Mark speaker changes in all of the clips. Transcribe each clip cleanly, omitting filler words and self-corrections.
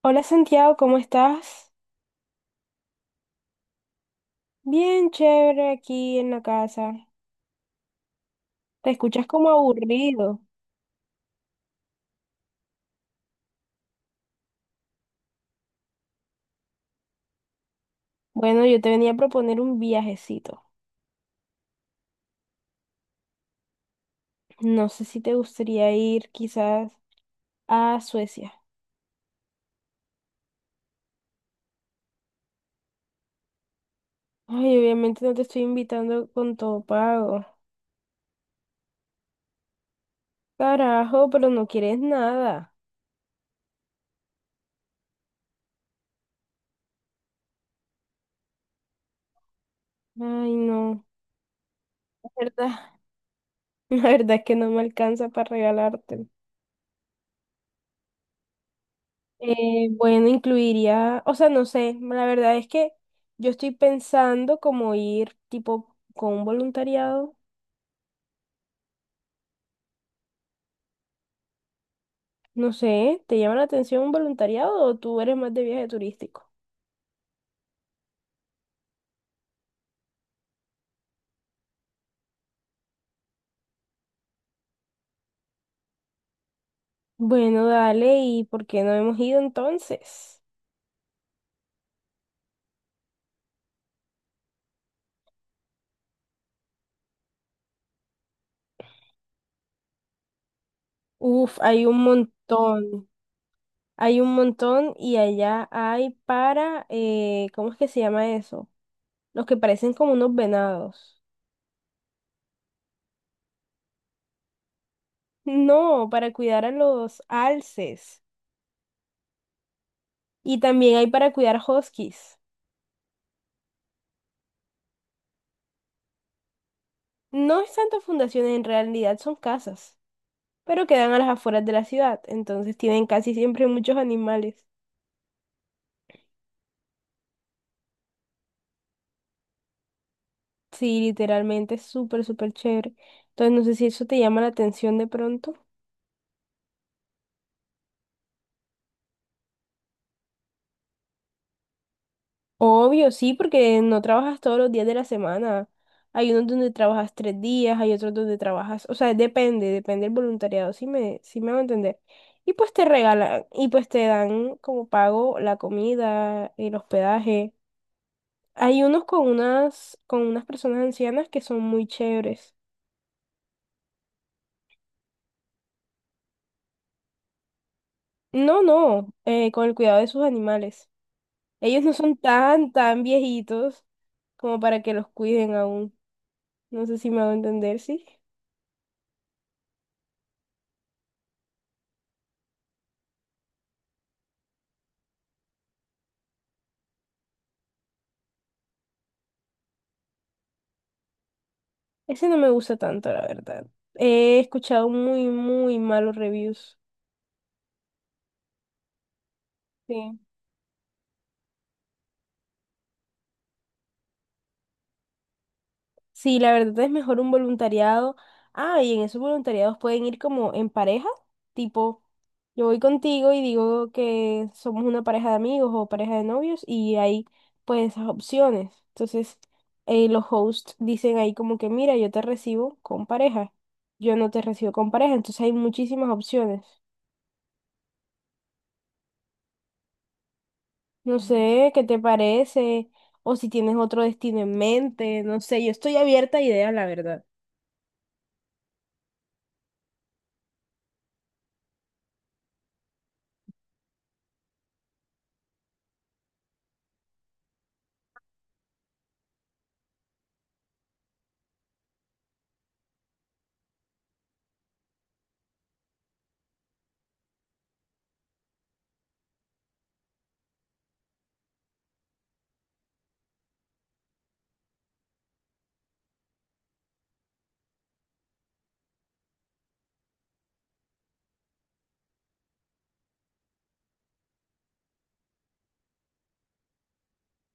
Speaker 1: Hola Santiago, ¿cómo estás? Bien chévere aquí en la casa. Te escuchas como aburrido. Bueno, yo te venía a proponer un viajecito. No sé si te gustaría ir quizás a Suecia. Ay, obviamente no te estoy invitando con todo pago. Carajo, pero no quieres nada. Ay, no. La verdad, la verdad es que no me alcanza para regalarte. Bueno, incluiría, o sea, no sé, la verdad es que yo estoy pensando como ir tipo con un voluntariado. No sé, ¿te llama la atención un voluntariado o tú eres más de viaje turístico? Bueno, dale, ¿y por qué no hemos ido entonces? Uf, hay un montón y allá hay para, ¿cómo es que se llama eso? Los que parecen como unos venados. No, para cuidar a los alces. Y también hay para cuidar huskies. No es tanto fundaciones, en realidad son casas, pero quedan a las afueras de la ciudad, entonces tienen casi siempre muchos animales. Sí, literalmente es súper, súper chévere. Entonces no sé si eso te llama la atención de pronto. Obvio, sí, porque no trabajas todos los días de la semana. Hay unos donde trabajas 3 días, hay otros donde trabajas, o sea, depende, depende del voluntariado, si me va a entender. Y pues te regalan, y pues te dan como pago la comida, el hospedaje. Hay unos con unas personas ancianas que son muy chéveres. No, no, con el cuidado de sus animales. Ellos no son tan, tan viejitos como para que los cuiden aún. No sé si me hago entender, sí. Ese no me gusta tanto, la verdad. He escuchado muy, muy malos reviews. Sí. Sí, la verdad es mejor un voluntariado. Ah, y en esos voluntariados pueden ir como en pareja, tipo, yo voy contigo y digo que somos una pareja de amigos o pareja de novios y hay pues esas opciones. Entonces, los hosts dicen ahí como que, mira, yo te recibo con pareja, yo no te recibo con pareja, entonces hay muchísimas opciones. No sé, ¿qué te parece? O si tienes otro destino en mente, no sé, yo estoy abierta a ideas, la verdad.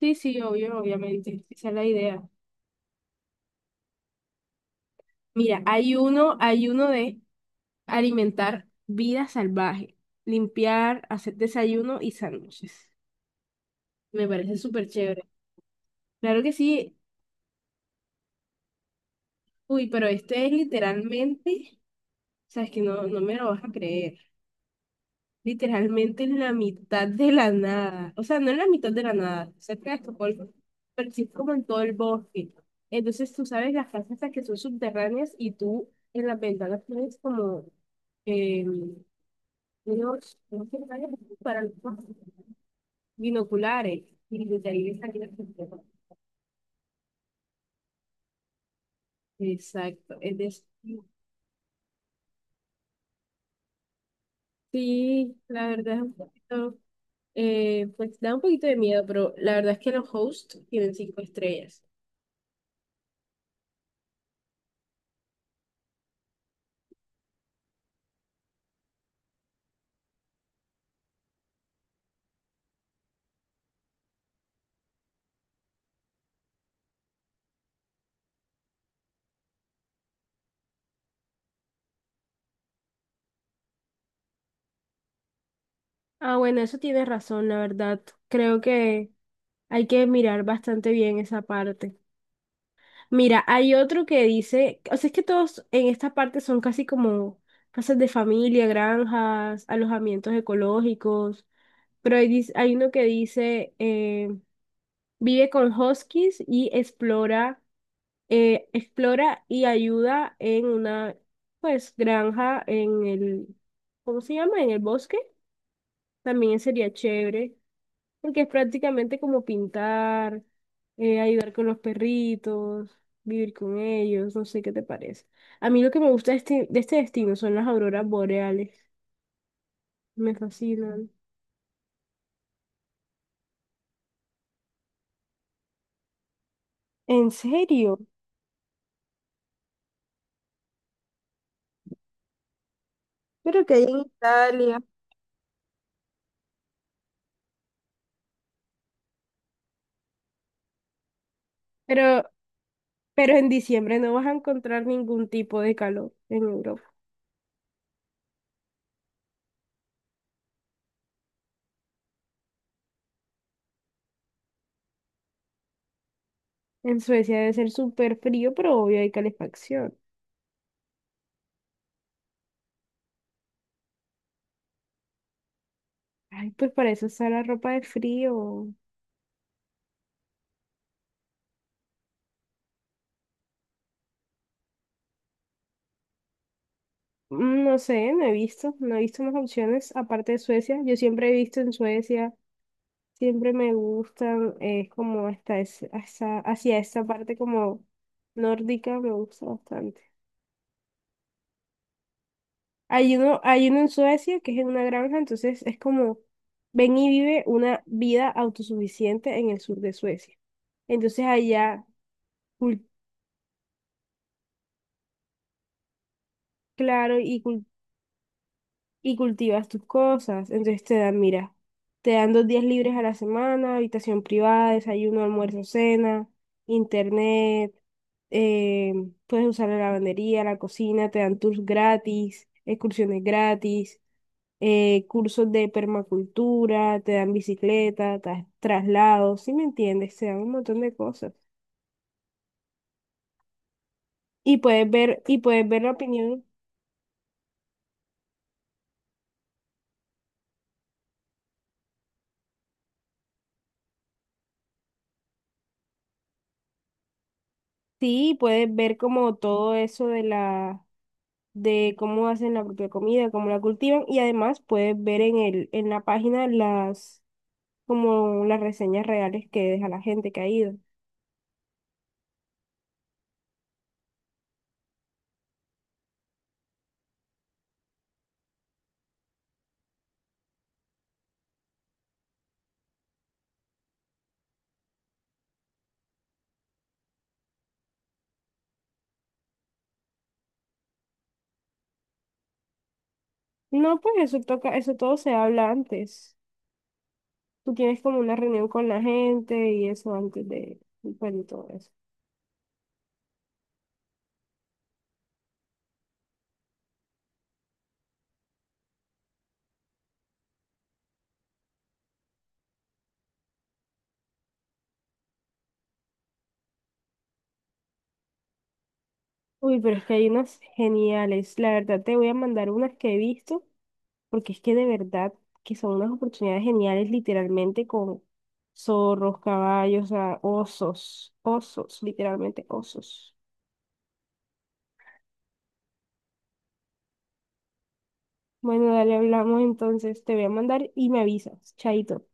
Speaker 1: Sí, sí, obvio, obviamente, esa es la idea. Mira, hay uno de alimentar vida salvaje, limpiar, hacer desayuno y sándwiches. Me parece súper chévere. Claro que sí. Uy, pero este es literalmente, o sea, es que no, no me lo vas a creer. Literalmente en la mitad de la nada. O sea, no en la mitad de la nada, cerca de Estocolmo, pero sí como en todo el bosque. Entonces tú sabes las casas estas que son subterráneas y tú en las ventanas tienes como, em, unos para los binoculares. Y desde ahí le salía el sistema. Exacto. Sí, la verdad es un poquito, pues da un poquito de miedo, pero la verdad es que los hosts tienen 5 estrellas. Ah, bueno, eso tienes razón, la verdad. Creo que, Hay que mirar bastante bien esa parte. Mira, hay otro que dice, o sea, es que todos en esta parte son casi como casas de familia, granjas, alojamientos ecológicos, pero hay, hay uno que dice, vive con huskies y explora, explora y ayuda en una, pues, granja en el, ¿cómo se llama? En el bosque. También sería chévere. Porque es prácticamente como pintar, ayudar con los perritos, vivir con ellos, no sé qué te parece. A mí lo que me gusta de este destino son las auroras boreales, me fascinan. ¿En serio? Pero que hay en Italia. Pero, pero en diciembre no vas a encontrar ningún tipo de calor en Europa. En Suecia debe ser súper frío, pero obvio hay calefacción. Ay, pues para eso está la ropa de frío. No sé, no he visto, no he visto más opciones aparte de Suecia. Yo siempre he visto en Suecia, siempre me gustan, es como hacia esa parte como nórdica, me gusta bastante. Hay uno en Suecia que es en una granja, entonces es como ven y vive una vida autosuficiente en el sur de Suecia. Entonces allá, cul- claro, y cultivas tus cosas. Entonces te dan, mira, te dan 2 días libres a la semana, habitación privada, desayuno, almuerzo, cena, internet, eh, puedes usar la lavandería, la cocina, te dan tours gratis, excursiones gratis, cursos de permacultura, te dan bicicleta, traslados, ¿si me entiendes? Te dan un montón de cosas. Y puedes ver la opinión, sí, puedes ver como todo eso de la de cómo hacen la propia comida, cómo la cultivan y además puedes ver en el, en la página las, como las reseñas reales que deja la gente que ha ido. No, pues eso toca, eso todo se habla antes. Tú tienes como una reunión con la gente y eso antes de, pues, de todo eso. Uy, pero es que hay unas geniales. La verdad, te voy a mandar unas que he visto porque es que de verdad que son unas oportunidades geniales literalmente con zorros, caballos, o sea, osos, osos, literalmente osos. Bueno, dale, hablamos entonces, te voy a mandar y me avisas, chaito.